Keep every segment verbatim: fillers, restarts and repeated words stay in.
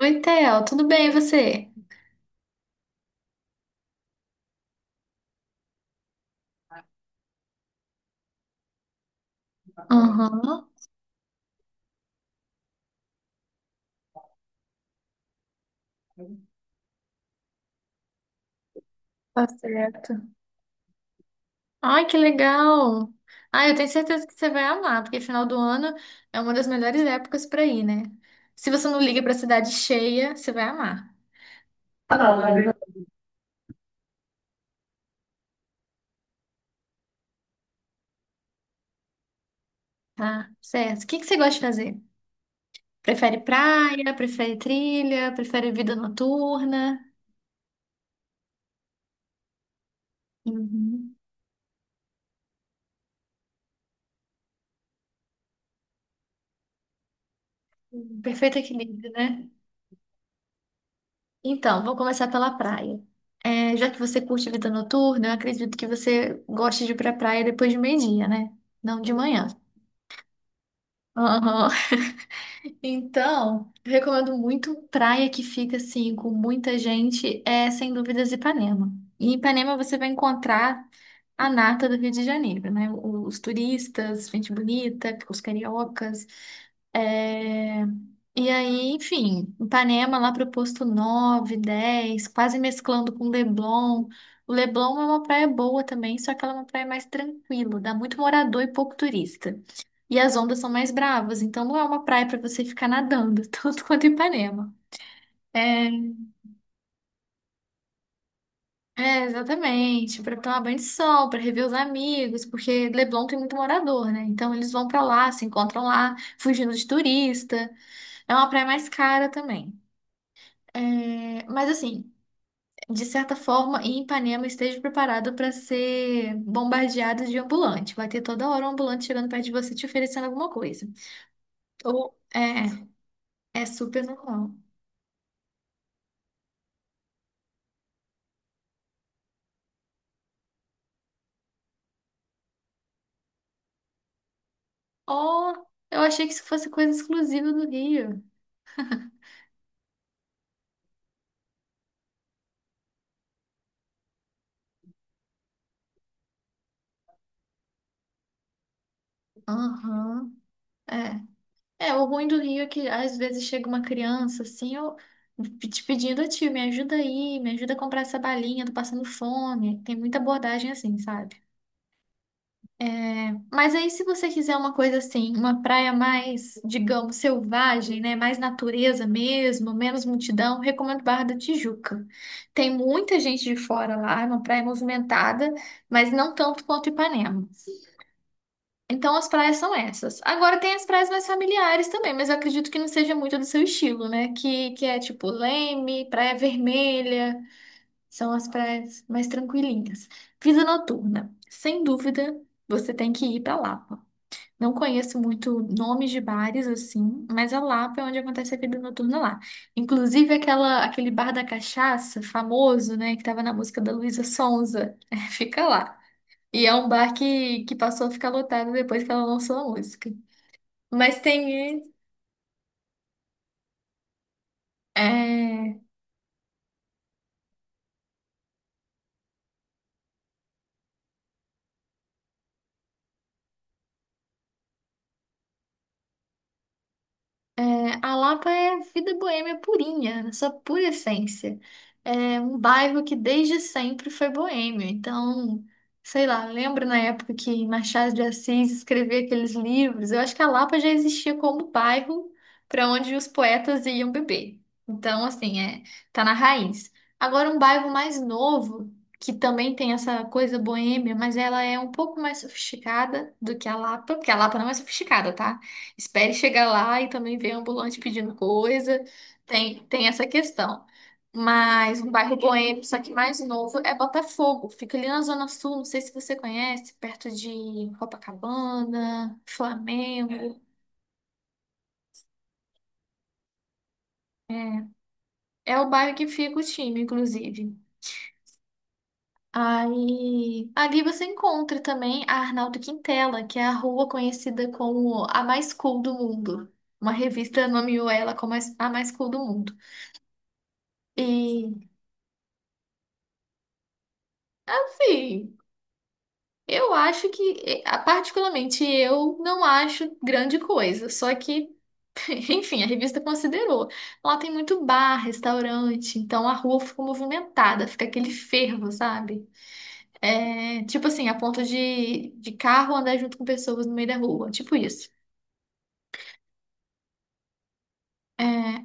Oi, Theo, tudo bem e você? Aham, tá certo. Ai, que legal! Ai, eu tenho certeza que você vai amar, porque final do ano é uma das melhores épocas pra ir, né? Se você não liga pra cidade cheia, você vai amar. Tá, certo. O que que você gosta de fazer? Prefere praia, prefere trilha, prefere vida noturna? Uhum. Um perfeito equilíbrio, né? Então, vou começar pela praia. É, já que você curte vida noturna, eu acredito que você goste de ir pra praia depois de meio-dia, né? Não de manhã. Aham. Então, eu recomendo muito praia que fica assim, com muita gente, é sem dúvidas Ipanema. Em Ipanema você vai encontrar a nata do Rio de Janeiro, né? O- Os turistas, gente bonita, os cariocas. é, E aí, enfim, Ipanema lá pro posto nove, dez, quase mesclando com Leblon. O Leblon é uma praia boa também, só que ela é uma praia mais tranquila, dá muito morador e pouco turista. E as ondas são mais bravas, então não é uma praia para você ficar nadando, tanto quanto Ipanema. É, É, exatamente, para tomar banho de sol, para rever os amigos, porque Leblon tem muito morador, né? Então eles vão para lá, se encontram lá, fugindo de turista. É uma praia mais cara também. É, mas assim, de certa forma, em Ipanema esteja preparado para ser bombardeado de ambulante. Vai ter toda hora um ambulante chegando perto de você te oferecendo alguma coisa. Ou é, é super normal. Oh, eu achei que isso fosse coisa exclusiva do Rio. Aham. É. É, o ruim do Rio é que às vezes chega uma criança assim, eu te pedindo, "Ô, tio, me ajuda aí, me ajuda a comprar essa balinha, tô passando fome." Tem muita abordagem assim, sabe? Mas aí, se você quiser uma coisa assim, uma praia mais, digamos, selvagem, né? Mais natureza mesmo, menos multidão, recomendo Barra da Tijuca. Tem muita gente de fora lá, é uma praia movimentada, mas não tanto quanto Ipanema. Então as praias são essas. Agora tem as praias mais familiares também, mas eu acredito que não seja muito do seu estilo, né? Que, que é tipo Leme, Praia Vermelha, são as praias mais tranquilinhas. Vida noturna, sem dúvida, você tem que ir para Lapa. Não conheço muito nomes de bares assim, mas a Lapa é onde acontece a vida noturna lá. Inclusive aquela, aquele bar da cachaça famoso, né, que tava na música da Luísa Sonza, fica lá. E é um bar que, que passou a ficar lotado depois que ela lançou a música. Mas tem. É. É, a Lapa é vida boêmia purinha, na sua pura essência. É um bairro que desde sempre foi boêmio. Então, sei lá, lembro na época que Machado de Assis escrevia aqueles livros. Eu acho que a Lapa já existia como bairro para onde os poetas iam beber. Então, assim, é, tá na raiz. Agora, um bairro mais novo, que também tem essa coisa boêmia, mas ela é um pouco mais sofisticada do que a Lapa, porque a Lapa não é sofisticada, tá? Espere chegar lá e também ver ambulante pedindo coisa. Tem, tem essa questão. Mas um bairro boêmio, só que mais novo, é Botafogo. Fica ali na Zona Sul, não sei se você conhece, perto de Copacabana, Flamengo. É, é o bairro que fica o time, inclusive. Aí, ali você encontra também a Arnaldo Quintela, que é a rua conhecida como a mais cool do mundo. Uma revista nomeou ela como a a mais cool do mundo. E, assim, eu acho que, eh, ah, particularmente, eu não acho grande coisa. Só que, enfim, a revista considerou. Lá tem muito bar, restaurante, então a rua fica movimentada, fica aquele fervo, sabe? É, tipo assim, a ponto de, de carro andar junto com pessoas no meio da rua, tipo isso.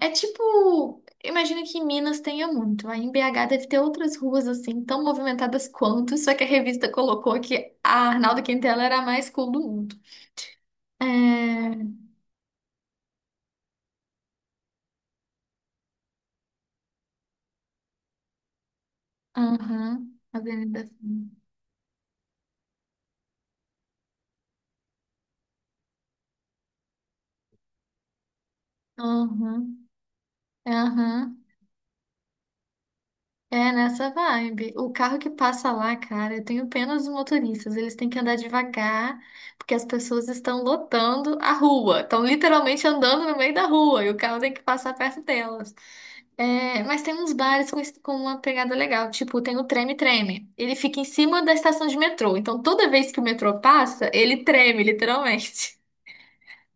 É, é tipo, imagino que em Minas tenha muito. Aí em B H deve ter outras ruas assim, tão movimentadas quanto, só que a revista colocou que a Arnaldo Quintela era a mais cool do mundo. É, aham, avenida. Fim. Aham, aham. É nessa vibe. O carro que passa lá, cara, eu tenho pena dos motoristas. Eles têm que andar devagar, porque as pessoas estão lotando a rua. Estão literalmente andando no meio da rua e o carro tem que passar perto delas. É, mas tem uns bares com, esse- com uma pegada legal. Tipo, tem o Treme Treme. Ele fica em cima da estação de metrô. Então, toda vez que o metrô passa, ele treme, literalmente.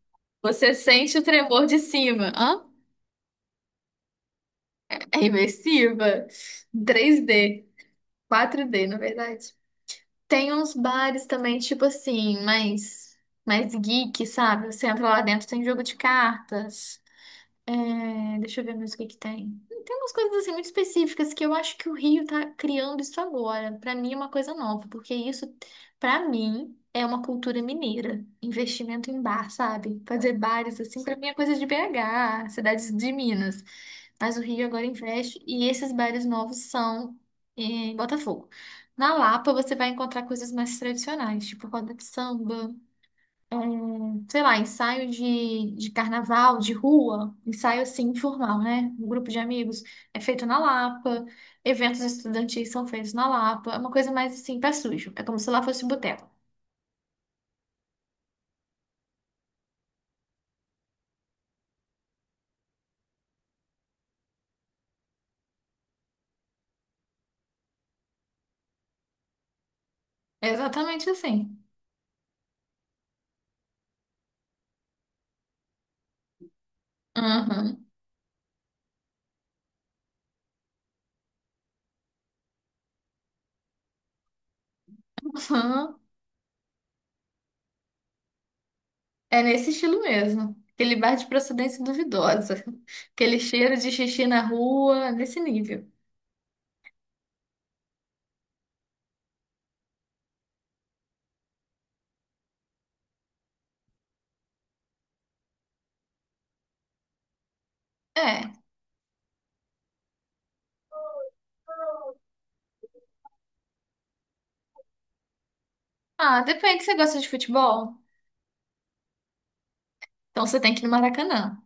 Você sente o tremor de cima. Hã? É imersiva. três D, quatro D, na verdade. Tem uns bares também, tipo assim, mais, mais geek, sabe? Você entra lá dentro, tem jogo de cartas. É, deixa eu ver mais o que que tem. Tem umas coisas assim muito específicas que eu acho que o Rio tá criando isso agora. Pra mim é uma coisa nova, porque isso, pra mim, é uma cultura mineira. Investimento em bar, sabe? Fazer bares assim, pra mim é coisa de B H, cidades de Minas. Mas o Rio agora investe e esses bares novos são em Botafogo. Na Lapa você vai encontrar coisas mais tradicionais, tipo roda de samba, é, um, sei lá, ensaio de, de carnaval, de rua, ensaio assim, informal, né? Um grupo de amigos é feito na Lapa, eventos estudantis são feitos na Lapa, é uma coisa mais assim, pé sujo, é como se lá fosse boteco. É exatamente assim. Uhum. Uhum. É nesse estilo mesmo. Aquele bar de procedência duvidosa, aquele cheiro de xixi na rua, nesse nível. É. Ah, depende, você gosta de futebol? Então você tem que ir no Maracanã.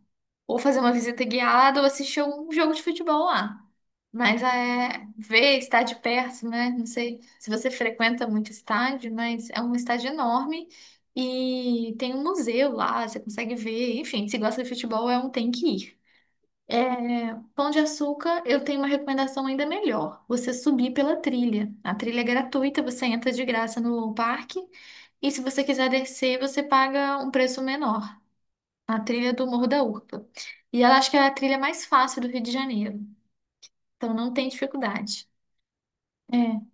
Ou fazer uma visita guiada ou assistir um jogo de futebol lá. Mas é ver, estar de perto, né? Não sei se você frequenta muito estádio, mas é um estádio enorme e tem um museu lá, você consegue ver. Enfim, se gosta de futebol, é um tem que ir. É, Pão de Açúcar, eu tenho uma recomendação ainda melhor. Você subir pela trilha. A trilha é gratuita, você entra de graça no parque. E se você quiser descer, você paga um preço menor. A trilha do Morro da Urca. E ela acho que é a trilha mais fácil do Rio de Janeiro. Então não tem dificuldade. É.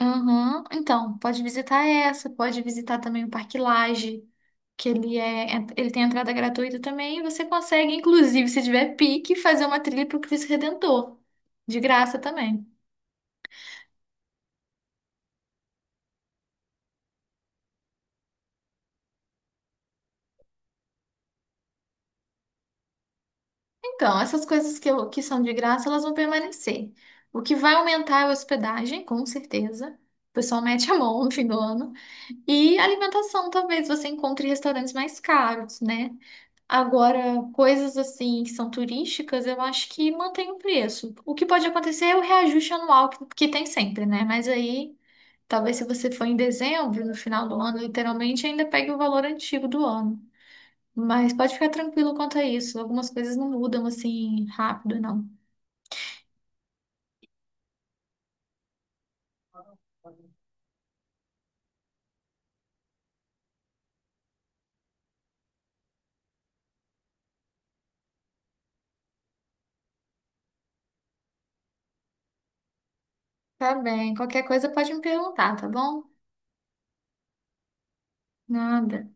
Aham. Então, pode visitar essa, pode visitar também o Parque Lage, que ele é, é- ele tem entrada gratuita também, e você consegue, inclusive, se tiver pique, fazer uma trilha para o Cristo Redentor. De graça também. Então, essas coisas que, eu- que são de graça, elas vão permanecer. O que vai aumentar é a hospedagem, com certeza. O pessoal mete a mão no fim do ano. E alimentação, talvez você encontre restaurantes mais caros, né? Agora, coisas assim que são turísticas, eu acho que mantém o preço. O que pode acontecer é o reajuste anual que, que tem sempre, né? Mas aí, talvez se você for em dezembro, no final do ano, literalmente, ainda pegue o valor antigo do ano. Mas pode ficar tranquilo quanto a isso. Algumas coisas não mudam assim rápido, não. Tá bem. Qualquer coisa pode me perguntar, tá bom? Nada.